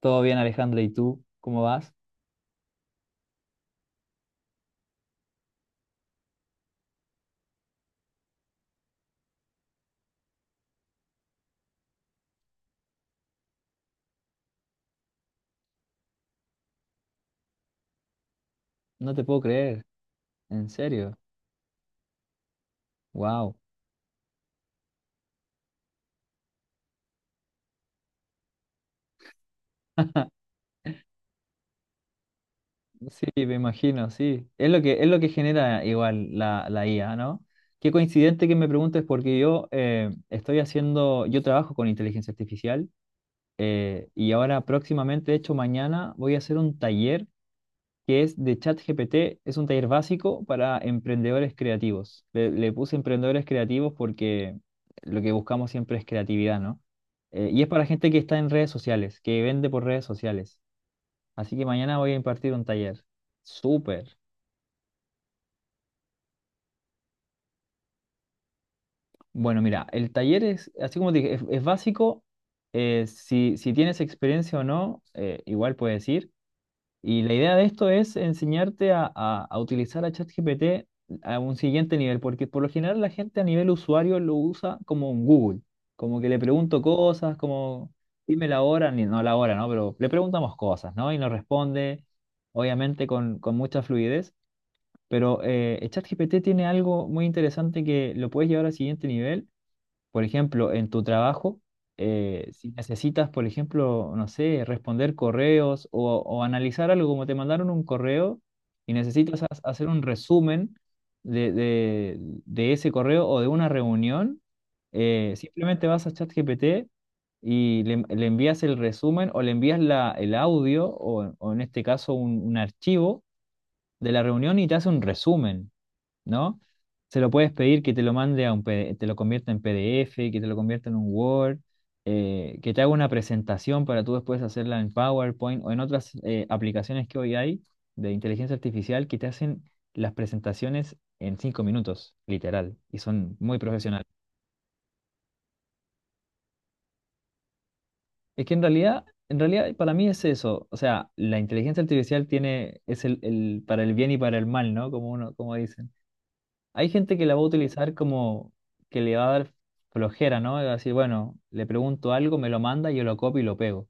Todo bien, Alejandra, ¿y tú? ¿Cómo vas? No te puedo creer, en serio. Wow. Sí, me imagino, sí. Es lo que genera igual la IA, ¿no? Qué coincidente que me preguntes porque yo trabajo con inteligencia artificial y ahora próximamente, de hecho mañana, voy a hacer un taller que es de ChatGPT. Es un taller básico para emprendedores creativos. Le puse emprendedores creativos porque lo que buscamos siempre es creatividad, ¿no? Y es para gente que está en redes sociales, que vende por redes sociales. Así que mañana voy a impartir un taller. Súper. Bueno, mira, el taller es, así como te dije, es básico. Si tienes experiencia o no, igual puedes ir. Y la idea de esto es enseñarte a utilizar a ChatGPT a un siguiente nivel, porque por lo general la gente a nivel usuario lo usa como un Google, como que le pregunto cosas, como dime la hora, ni, no la hora, ¿no? Pero le preguntamos cosas, ¿no? Y nos responde, obviamente, con mucha fluidez, pero ChatGPT tiene algo muy interesante que lo puedes llevar al siguiente nivel, por ejemplo, en tu trabajo. Si necesitas, por ejemplo, no sé, responder correos o analizar algo, como te mandaron un correo y necesitas hacer un resumen de ese correo o de una reunión. Simplemente vas a ChatGPT y le envías el resumen o le envías el audio, o en este caso un archivo de la reunión, y te hace un resumen, ¿no? Se lo puedes pedir que te lo mande a un PD te lo convierta en PDF, que te lo convierta en un Word, que te haga una presentación para tú después hacerla en PowerPoint o en otras aplicaciones que hoy hay de inteligencia artificial que te hacen las presentaciones en 5 minutos, literal, y son muy profesionales. Es que en realidad para mí es eso. O sea, la inteligencia artificial es para el bien y para el mal, ¿no? Como uno, como dicen. Hay gente que la va a utilizar como que le va a dar flojera, ¿no? Así, bueno, le pregunto algo, me lo manda, yo lo copio y lo pego.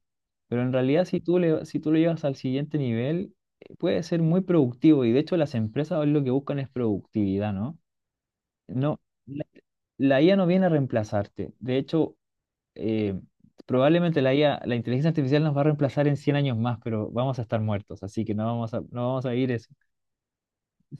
Pero en realidad, si tú lo llevas al siguiente nivel, puede ser muy productivo. Y de hecho, las empresas lo que buscan es productividad, ¿no? No, la, la IA no viene a reemplazarte. De hecho, eh, probablemente la IA, la inteligencia artificial nos va a reemplazar en 100 años más, pero vamos a estar muertos. Así que no vamos a vivir eso.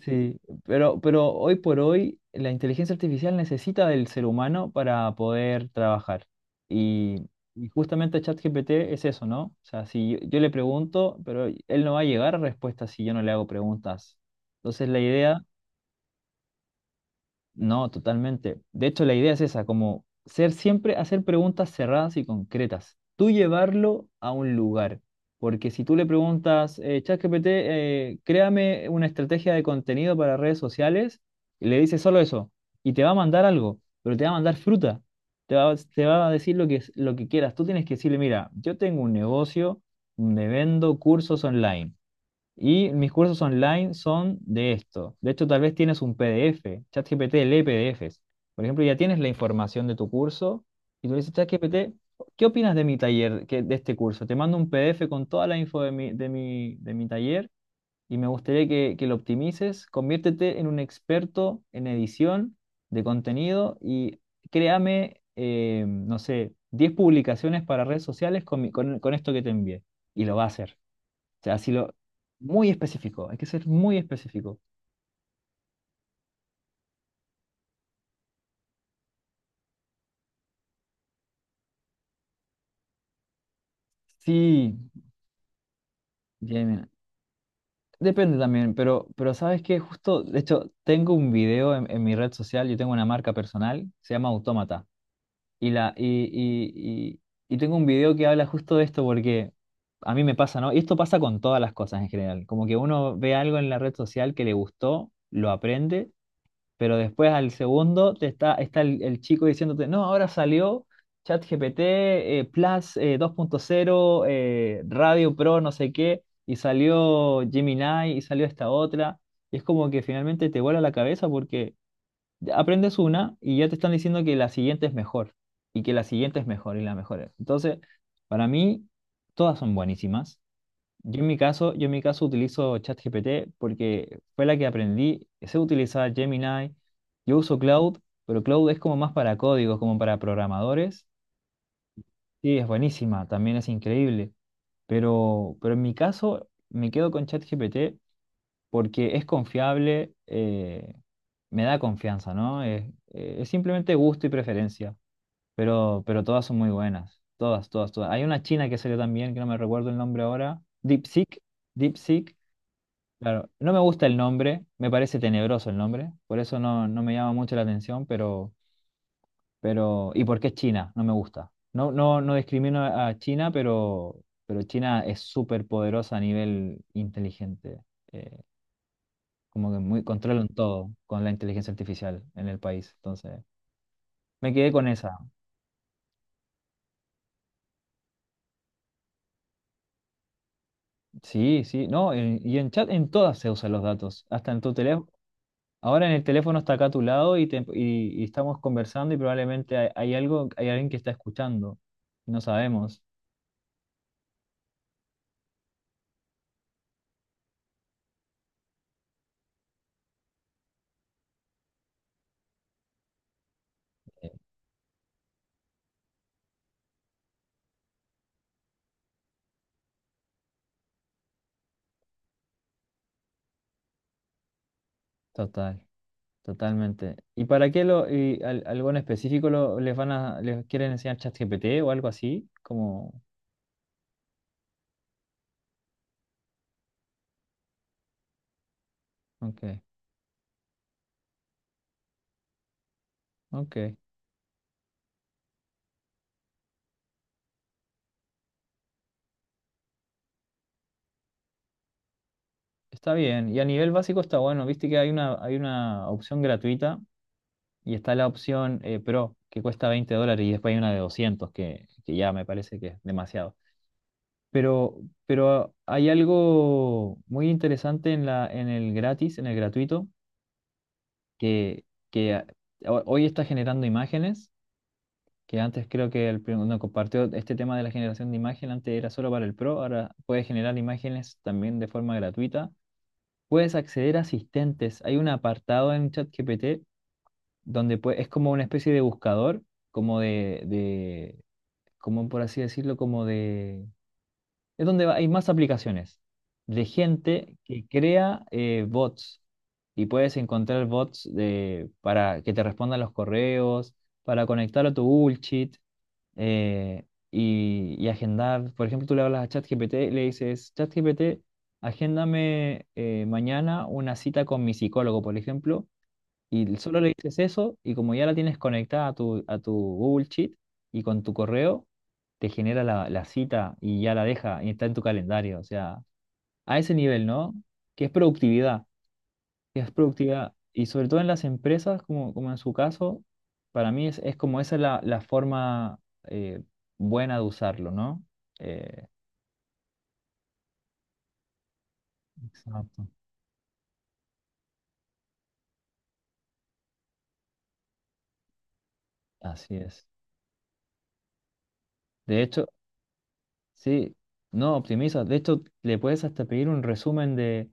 Sí, pero hoy por hoy la inteligencia artificial necesita del ser humano para poder trabajar. Y, y justamente ChatGPT es eso, ¿no? O sea, si yo le pregunto, pero él no va a llegar a respuestas si yo no le hago preguntas. Entonces la idea No, totalmente. De hecho, la idea es esa, como ser siempre, hacer preguntas cerradas y concretas. Tú llevarlo a un lugar. Porque si tú le preguntas, ChatGPT, créame una estrategia de contenido para redes sociales, y le dices solo eso, y te va a mandar algo, pero te va a mandar fruta. Te va a decir lo que quieras. Tú tienes que decirle, mira, yo tengo un negocio donde vendo cursos online. Y mis cursos online son de esto. De hecho, tal vez tienes un PDF. ChatGPT lee PDFs. Por ejemplo, ya tienes la información de tu curso y tú le dices: ChatGPT, ¿qué opinas de mi taller de este curso? Te mando un PDF con toda la info de mi taller y me gustaría que lo optimices. Conviértete en un experto en edición de contenido y créame, no sé, 10 publicaciones para redes sociales con esto que te envié. Y lo va a hacer. O sea, así lo. Muy específico, hay que ser muy específico. Sí, Jamie. Depende también, pero sabes que justo, de hecho, tengo un video en mi red social. Yo tengo una marca personal, se llama Autómata. Y, la, y, y, y tengo un video que habla justo de esto porque a mí me pasa, ¿no? Y esto pasa con todas las cosas en general. Como que uno ve algo en la red social que le gustó, lo aprende. Pero después, al segundo, está el chico diciéndote: no, ahora salió ChatGPT Plus 2.0, Radio Pro, no sé qué, y salió Gemini y salió esta otra. Y es como que finalmente te vuela la cabeza porque aprendes una y ya te están diciendo que la siguiente es mejor, y que la siguiente es mejor y la mejor es. Entonces, para mí, todas son buenísimas. Yo en mi caso utilizo ChatGPT porque fue la que aprendí. Sé utilizar Gemini. Yo uso Cloud, pero Cloud es como más para códigos, como para programadores. Sí, es buenísima, también es increíble. Pero en mi caso me quedo con ChatGPT porque es confiable, me da confianza, ¿no? Es simplemente gusto y preferencia. Pero todas son muy buenas. Todas, todas, todas. Hay una china que salió también, que no me recuerdo el nombre ahora. DeepSeek. DeepSeek. Claro, no me gusta el nombre, me parece tenebroso el nombre, por eso no me llama mucho la atención, ¿y por qué China? No me gusta. No, no, no discrimino a China, pero China es súper poderosa a nivel inteligente, eh, como que muy controlan todo con la inteligencia artificial en el país. Entonces, me quedé con esa. Sí, sí, no, y en chat en todas se usan los datos, hasta en tu teléfono. Ahora, en el teléfono está acá a tu lado, y estamos conversando y probablemente hay algo, hay alguien que está escuchando. No sabemos. Eh, Total, totalmente. ¿Y para qué algo en específico lo, les van a, les quieren enseñar ChatGPT o algo así? Ok, ok. Está bien. Y a nivel básico está bueno. Viste que hay una opción gratuita y está la opción Pro, que cuesta $20, y después hay una de 200 que ya me parece que es demasiado. Pero, pero hay algo muy interesante en en el gratis, en el gratuito, que, que hoy está generando imágenes, que antes creo que no, compartió este tema de la generación de imagen. Antes era solo para el pro, ahora puedes generar imágenes también de forma gratuita. Puedes acceder a asistentes. Hay un apartado en ChatGPT donde es como una especie de buscador, como de, de, como por así decirlo, como de es donde hay más aplicaciones de gente que crea bots, y puedes encontrar bots para que te respondan los correos, para conectar a tu bullshit y agendar. Por ejemplo, tú le hablas a ChatGPT y le dices: ChatGPT, agéndame mañana una cita con mi psicólogo, por ejemplo. Y solo le dices eso, y como ya la tienes conectada a tu Google Sheet y con tu correo, te genera la cita y ya la deja y está en tu calendario. O sea, a ese nivel, ¿no? Que es productividad, que es productividad. Y sobre todo en las empresas, como en su caso, para mí es como esa la forma eh, buena de usarlo, ¿no? Eh, Exacto. Así es. De hecho, sí, no optimiza. De hecho, le puedes hasta pedir un resumen de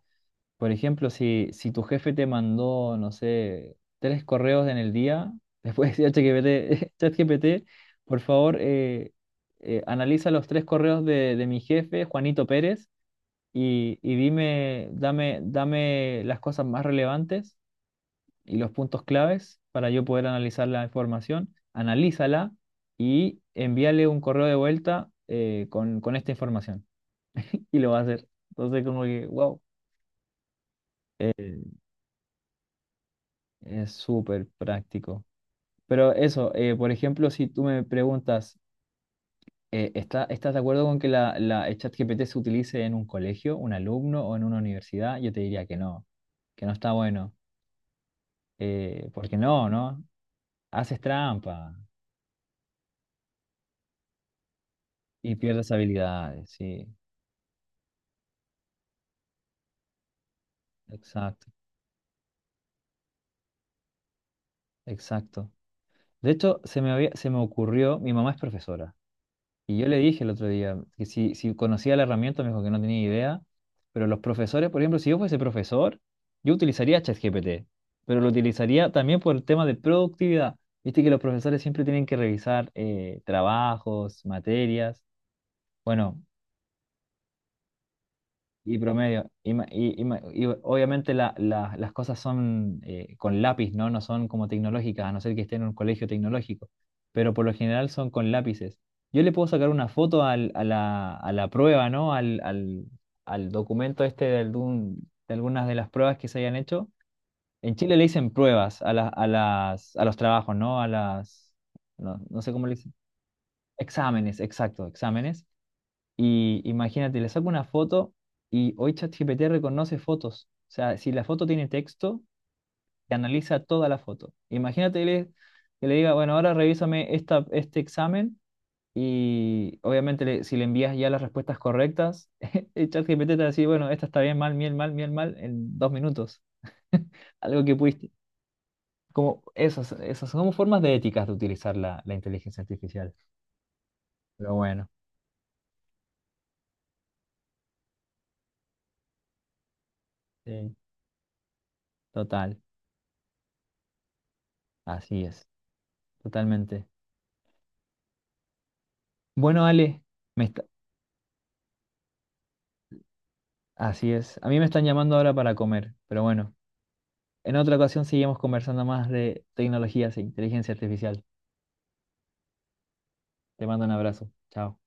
Por ejemplo, si tu jefe te mandó, no sé, 3 correos en el día. después de ChatGPT, ChatGPT, por favor, analiza los 3 correos de mi jefe, Juanito Pérez, y dame las cosas más relevantes y los puntos claves para yo poder analizar la información. Analízala y envíale un correo de vuelta, con esta información. Y lo va a hacer. Entonces, como que, wow, es súper práctico. Pero eso, por ejemplo, si tú me preguntas, ¿estás de acuerdo con que la el ChatGPT se utilice en un colegio, un alumno o en una universidad? Yo te diría que no está bueno. Porque no, ¿no? Haces trampa y pierdes habilidades, sí. Exacto, exacto. De hecho, se me ocurrió: mi mamá es profesora. Y yo le dije el otro día que si conocía la herramienta, me dijo que no tenía idea. Pero los profesores, por ejemplo, si yo fuese profesor, yo utilizaría ChatGPT, pero lo utilizaría también por el tema de productividad. Viste que los profesores siempre tienen que revisar trabajos, materias. Bueno, y promedio. Y obviamente las cosas son con lápiz, ¿no? No son como tecnológicas, a no ser que esté en un colegio tecnológico. Pero por lo general son con lápices. Yo le puedo sacar una foto a la prueba, ¿no? Al documento este de algunas de las pruebas que se hayan hecho. En Chile le dicen pruebas a los trabajos, ¿no? A las. No, no sé cómo le dicen. Exámenes, exacto, exámenes. Y imagínate, le saco una foto, y hoy ChatGPT reconoce fotos. O sea, si la foto tiene texto, te analiza toda la foto. Imagínate, que le diga: bueno, ahora revísame este examen, y obviamente, si le envías ya las respuestas correctas, el ChatGPT te va a decir: bueno, esta está bien, mal, bien, mal, bien, mal, en 2 minutos. Algo que pudiste. Como esas son como formas de éticas de utilizar la inteligencia artificial. Pero bueno, sí, total, así es, totalmente. Bueno, Ale, me está- así es. A mí me están llamando ahora para comer, pero bueno, en otra ocasión seguimos conversando más de tecnologías e inteligencia artificial. Te mando un abrazo. Chao.